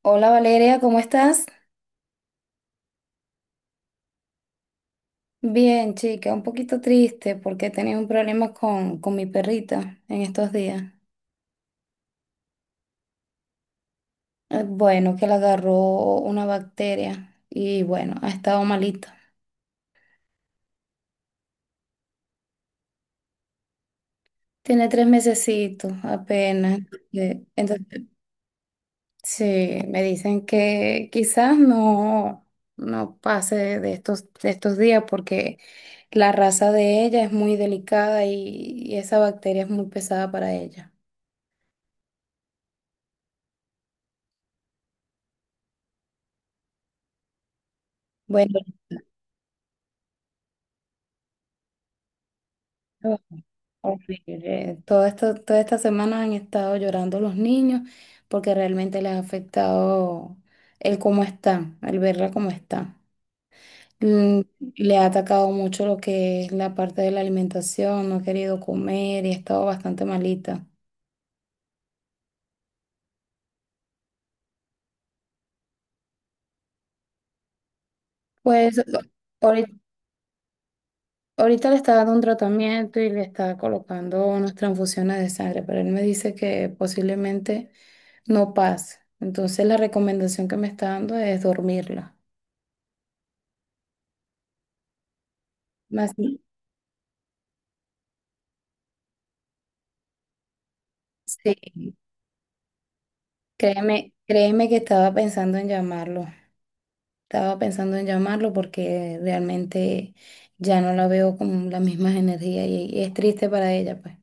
Hola Valeria, ¿cómo estás? Bien, chica, un poquito triste porque he tenido un problema con mi perrita en estos días. Bueno, que le agarró una bacteria y bueno, ha estado malita. Tiene 3 mesecitos apenas. Entonces, sí, me dicen que quizás no pase de estos días porque la raza de ella es muy delicada y esa bacteria es muy pesada para ella. Bueno. Horrible. Todo esto, toda esta semana han estado llorando los niños porque realmente les ha afectado el cómo están, el verla cómo está. Mm, Le ha atacado mucho lo que es la parte de la alimentación, no ha querido comer y ha estado bastante malita. Pues ahorita, ahorita le está dando un tratamiento y le está colocando unas transfusiones de sangre, pero él me dice que posiblemente no pase. Entonces la recomendación que me está dando es dormirla. Más- Sí, créeme que estaba pensando en llamarlo. Estaba pensando en llamarlo porque realmente ya no la veo con las mismas energías y es triste para ella, pues.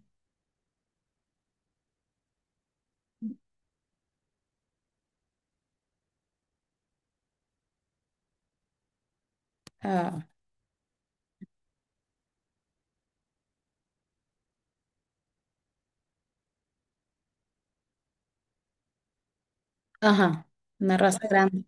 Ah, ajá, una raza grande.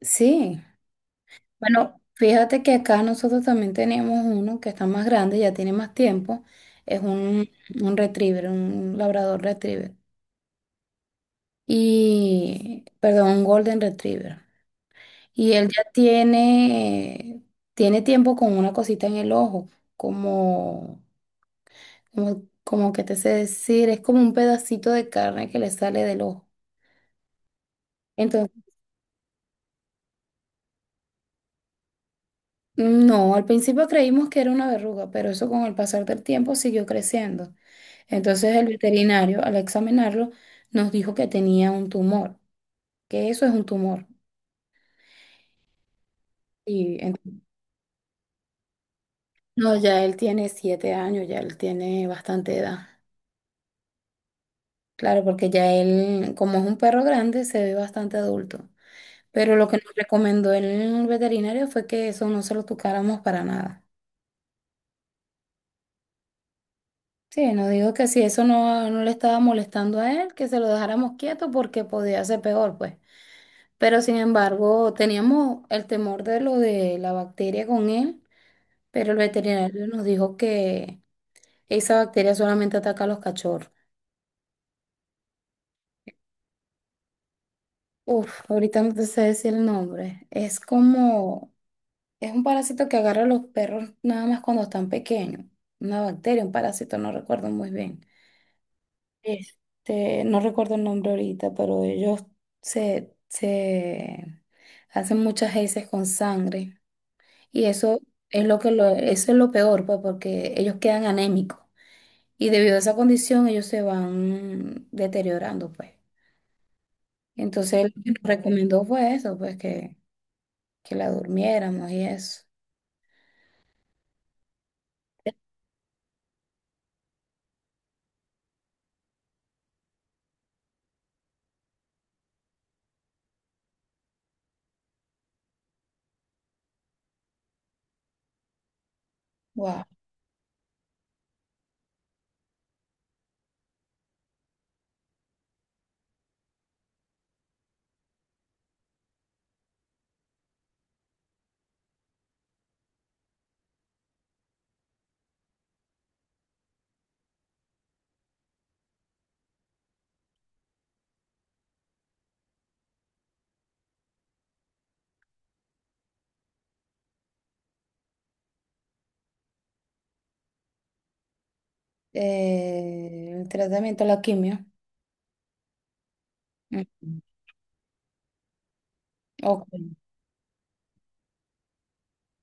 Sí. Bueno, fíjate que acá nosotros también tenemos uno que está más grande, ya tiene más tiempo. Es un retriever, un labrador retriever. Y, perdón, un golden retriever. Y él ya tiene tiempo con una cosita en el ojo, como, como que te sé decir, es como un pedacito de carne que le sale del ojo. Entonces, no, al principio creímos que era una verruga, pero eso con el pasar del tiempo siguió creciendo. Entonces el veterinario, al examinarlo, nos dijo que tenía un tumor, que eso es un tumor. Y ent- no, ya él tiene 7 años, ya él tiene bastante edad. Claro, porque ya él, como es un perro grande, se ve bastante adulto. Pero lo que nos recomendó el veterinario fue que eso no se lo tocáramos para nada. Sí, nos dijo que si eso no le estaba molestando a él, que se lo dejáramos quieto porque podía ser peor, pues. Pero sin embargo, teníamos el temor de lo de la bacteria con él, pero el veterinario nos dijo que esa bacteria solamente ataca a los cachorros. Uf, ahorita no te sé decir el nombre. Es un parásito que agarra a los perros nada más cuando están pequeños. Una bacteria, un parásito, no recuerdo muy bien. No recuerdo el nombre ahorita, pero ellos se hacen muchas heces con sangre. Y eso es lo que lo, eso es lo peor, pues, porque ellos quedan anémicos. Y debido a esa condición, ellos se van deteriorando, pues. Entonces, lo que nos recomendó fue eso, pues, que, la durmiéramos y eso. Wow. El tratamiento, la quimio. Ujú. Ok,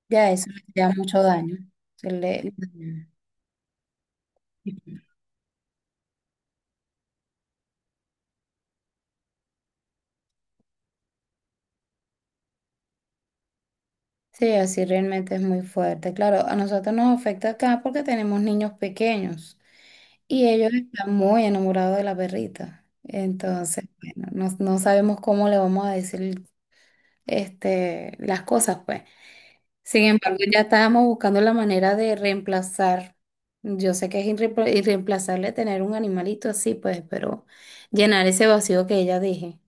ya eso le da mucho daño. Se le- le- Sí, así realmente es muy fuerte. Claro, a nosotros nos afecta acá porque tenemos niños pequeños y ellos están muy enamorados de la perrita. Entonces, bueno, no sabemos cómo le vamos a decir las cosas, pues. Sin embargo, ya estábamos buscando la manera de reemplazar. Yo sé que es irreemplazable tener un animalito así, pues, pero llenar ese vacío que ella dije.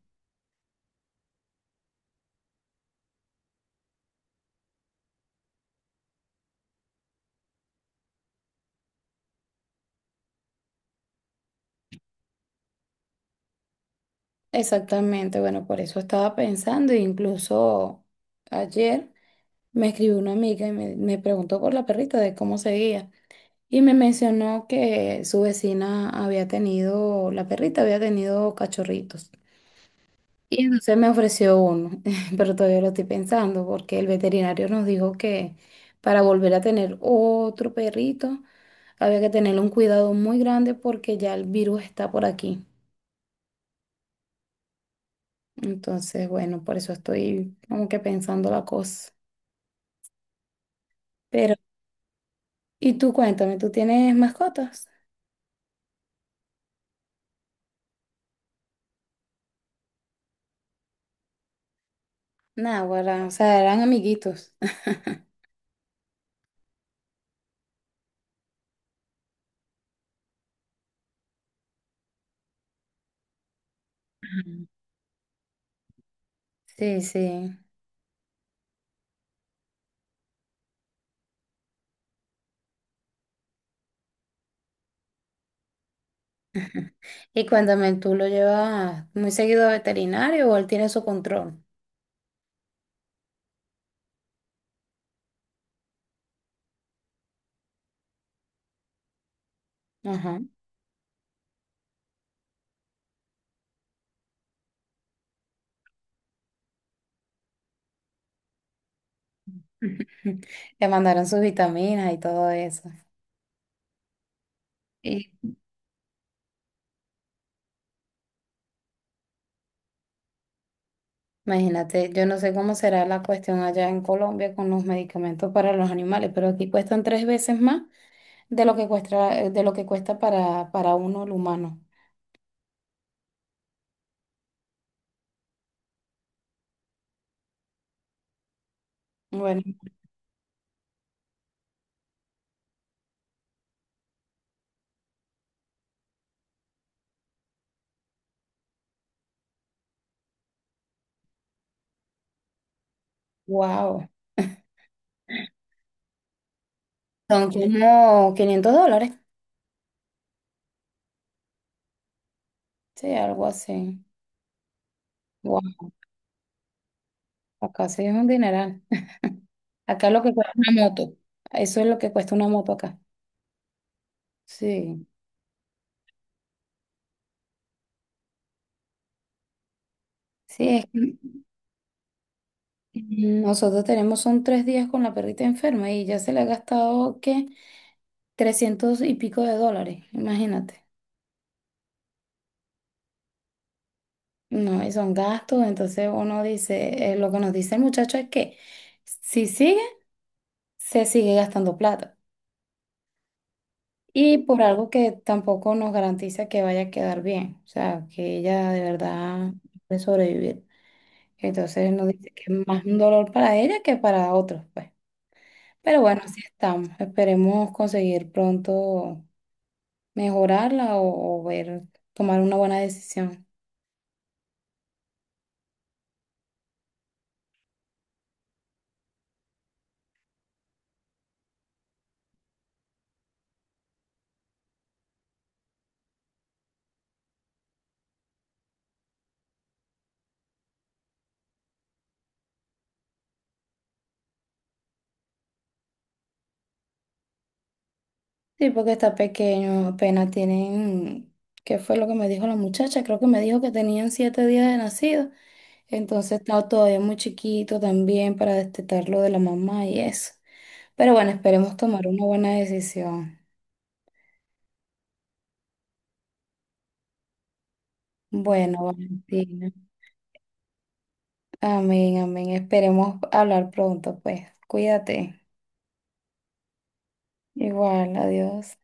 Exactamente, bueno, por eso estaba pensando, e incluso ayer me escribió una amiga y me preguntó por la perrita de cómo seguía y me mencionó que su vecina había tenido, la perrita había tenido cachorritos. Y entonces me ofreció uno, pero todavía lo estoy pensando porque el veterinario nos dijo que para volver a tener otro perrito había que tener un cuidado muy grande porque ya el virus está por aquí. Entonces, bueno, por eso estoy como que pensando la cosa. Pero, y tú cuéntame, ¿tú tienes mascotas? Náguara, o sea, eran amiguitos. Ujú. Sí, sí. Y cuéntame, ¿tú lo llevas muy seguido a veterinario o él tiene su control? Ajá. Le mandaron sus vitaminas y todo eso. Y Imagínate, yo no sé cómo será la cuestión allá en Colombia con los medicamentos para los animales, pero aquí cuestan 3 veces más de lo que cuesta para uno el humano. Bueno, wow. Son como $500. Sí, algo así. Wow, acá sí es un dineral. Acá lo que cuesta una moto. Eso es lo que cuesta una moto acá. Sí. Sí, Nosotros tenemos son 3 días con la perrita enferma y ya se le ha gastado, ¿qué? 300 y pico de dólares, imagínate. No, y son gastos, entonces uno dice, lo que nos dice el muchacho es que si sigue, se sigue gastando plata. Y por algo que tampoco nos garantiza que vaya a quedar bien, o sea, que ella de verdad puede sobrevivir. Entonces nos dice que es más un dolor para ella que para otros, pues. Pero bueno, así estamos. Esperemos conseguir pronto, mejorarla o ver, tomar una buena decisión. Sí, porque está pequeño, apenas tienen, ¿qué fue lo que me dijo la muchacha? Creo que me dijo que tenían 7 días de nacido, entonces está todavía muy chiquito también para destetarlo de la mamá y eso. Pero bueno, esperemos tomar una buena decisión. Bueno, Valentina. Amén, amén. Esperemos hablar pronto, pues. Cuídate. Igual, adiós.